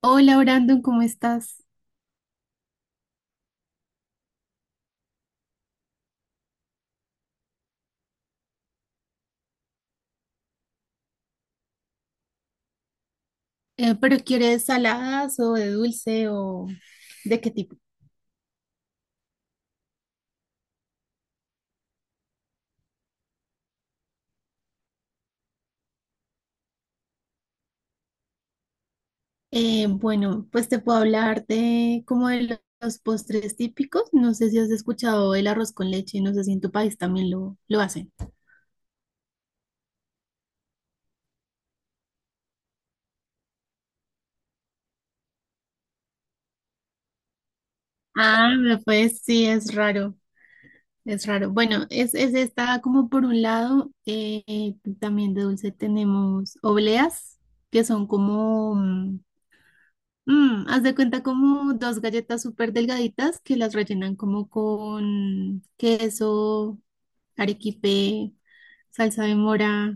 Hola Brandon, ¿cómo estás? ¿pero quieres saladas o de dulce o de qué tipo? Bueno, pues te puedo hablar de como de los postres típicos. No sé si has escuchado el arroz con leche, no sé si en tu país también lo hacen. Ah, me pues sí, es raro, es raro. Bueno, es esta como por un lado, también de dulce tenemos obleas, que son como haz de cuenta como dos galletas súper delgaditas que las rellenan como con queso, arequipe, salsa de mora,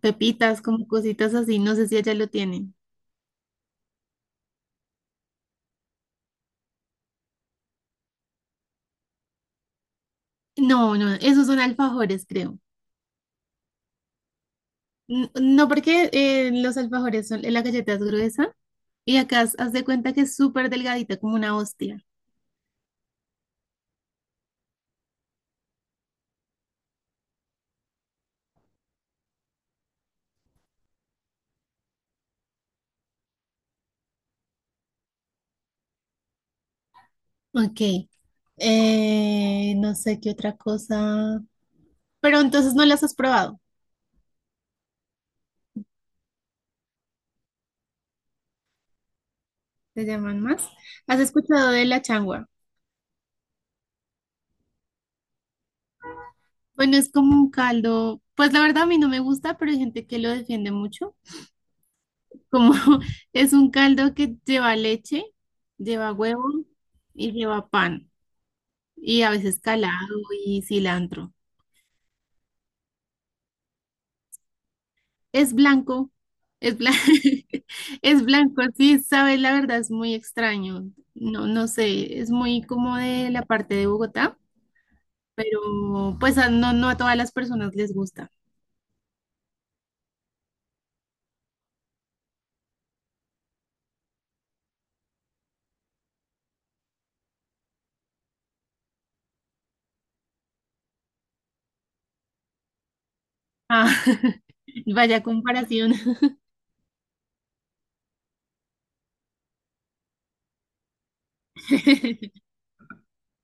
pepitas, como cositas así. No sé si allá lo tienen. No, esos son alfajores, creo. No, porque los alfajores son, la galleta es gruesa y acá haz de cuenta que es súper delgadita, como una hostia. Ok, no sé qué otra cosa. Pero entonces no las has probado. ¿Te llaman más? ¿Has escuchado de la changua? Bueno, es como un caldo, pues la verdad a mí no me gusta, pero hay gente que lo defiende mucho. Como es un caldo que lleva leche, lleva huevo y lleva pan y a veces calado y cilantro. Es blanco, es blanco, es blanco, sí, sabes, la verdad es muy extraño. No, no sé, es muy como de la parte de Bogotá, pero pues no a todas las personas les gusta. Ah, y vaya comparación.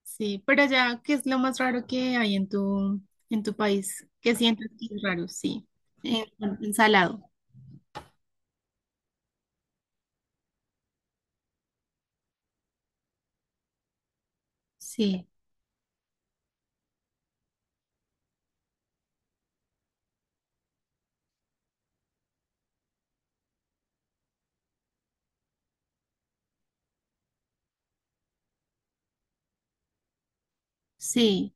Sí, pero allá, ¿qué es lo más raro que hay en en tu país? ¿Qué sientes que es raro? Sí. Eh, ensalado. Sí, sí.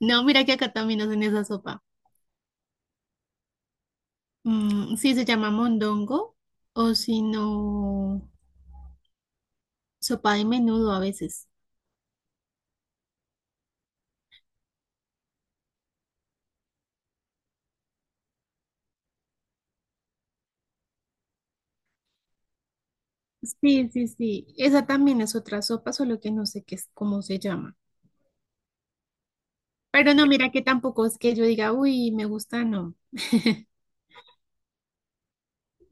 No, mira que acá también hacen esa sopa. Sí, se llama mondongo o si no, sopa de menudo a veces. Sí, sí, sí. Esa también es otra sopa, solo que no sé qué es, cómo se llama. Pero no, mira que tampoco es que yo diga, uy, me gusta, no.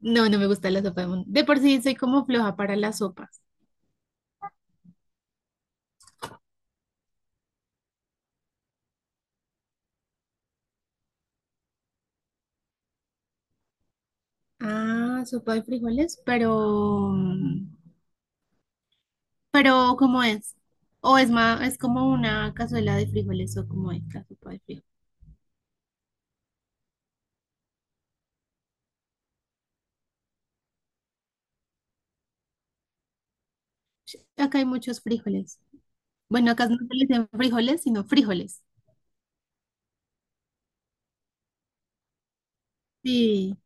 No, no me gusta la sopa de mondongo. De por sí soy como floja para las sopas. Ah, sopa de frijoles, pero ¿cómo es? O es más, es como una cazuela de frijoles o como es la sopa de frijoles. Acá hay muchos frijoles. Bueno, acá no se les dicen frijoles, sino frijoles. Sí,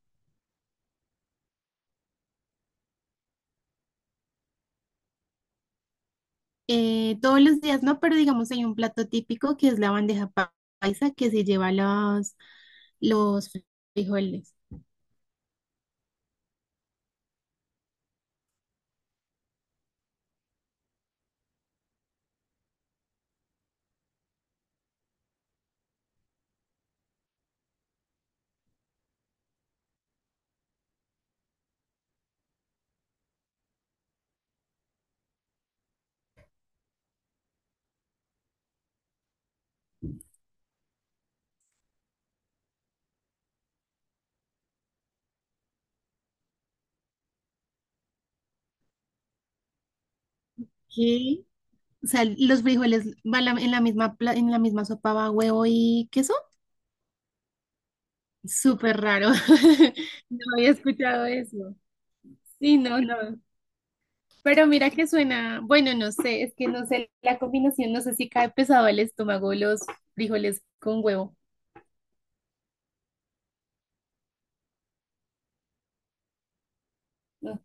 todos los días no, pero digamos hay un plato típico que es la bandeja paisa que se lleva los frijoles. ¿Qué? O sea, los frijoles van en la misma, en la misma sopa va huevo y queso. Súper raro. No había escuchado eso. Sí, no, no. Pero mira que suena, bueno, no sé, es que no sé la combinación, no sé si cae pesado al estómago los frijoles con huevo. No,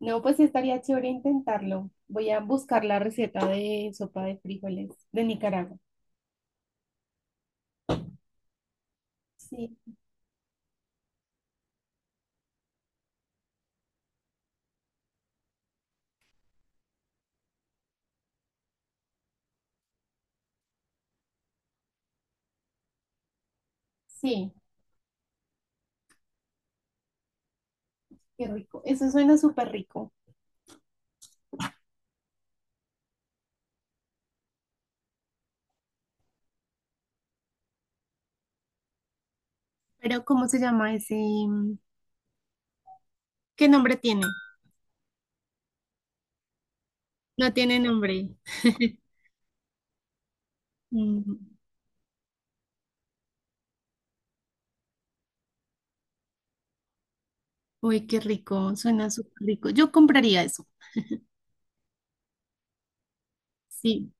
no, pues sí estaría chévere intentarlo. Voy a buscar la receta de sopa de frijoles de Nicaragua. Sí, sí, qué rico. Eso suena súper rico. Pero ¿cómo se llama ese? ¿Qué nombre tiene? No tiene nombre. Mm, uy, qué rico, suena súper rico. Yo compraría eso. Sí,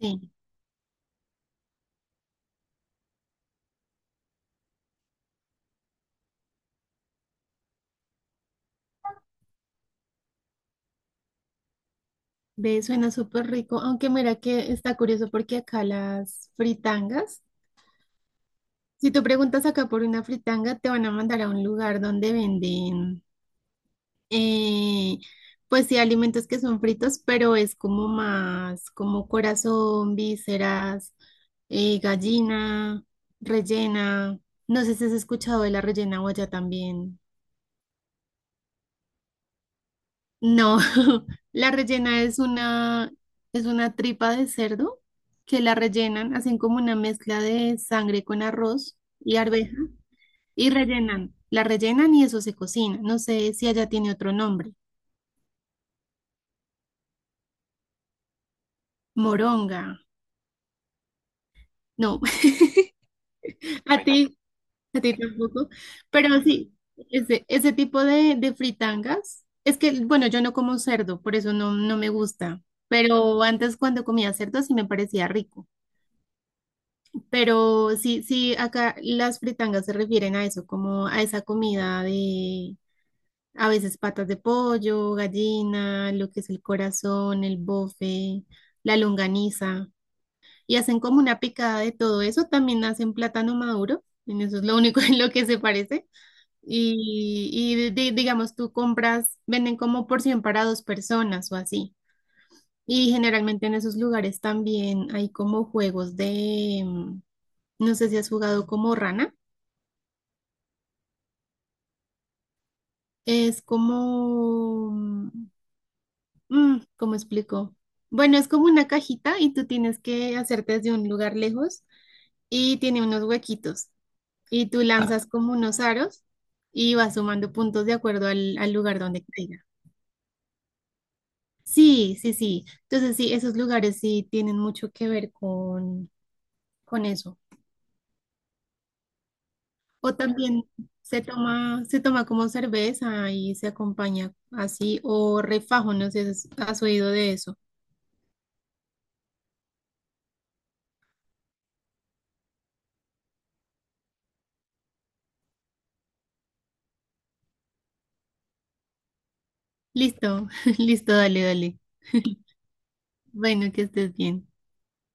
sí. Ve, suena súper rico. Aunque mira que está curioso porque acá las fritangas, si tú preguntas acá por una fritanga, te van a mandar a un lugar donde venden, eh, pues sí, alimentos que son fritos, pero es como más, como corazón, vísceras, gallina, rellena. No sé si has escuchado de la rellena o allá también. No, la rellena es una tripa de cerdo que la rellenan, hacen como una mezcla de sangre con arroz y arveja y rellenan. La rellenan y eso se cocina. No sé si allá tiene otro nombre. Moronga. No, a a ti tampoco. Pero sí, ese tipo de fritangas. Es que, bueno, yo no como cerdo, por eso no, no me gusta. Pero antes cuando comía cerdo sí me parecía rico. Pero sí, sí, acá las fritangas se refieren a eso, como a esa comida de a veces patas de pollo, gallina, lo que es el corazón, el bofe, la longaniza. Y hacen como una picada de todo eso. También hacen plátano maduro, en eso es lo único en lo que se parece. Y digamos, tú compras, venden como porción para dos personas o así. Y generalmente en esos lugares también hay como juegos de, no sé si has jugado como rana. Es como, ¿cómo explico? Bueno, es como una cajita y tú tienes que hacerte desde un lugar lejos y tiene unos huequitos y tú lanzas como unos aros y vas sumando puntos de acuerdo al lugar donde caiga. Sí, sí, sí. Entonces sí, esos lugares sí tienen mucho que ver con eso. O también se toma como cerveza y se acompaña así o refajo, no sé si has oído de eso. Listo, listo, dale, dale. Bueno, que estés bien.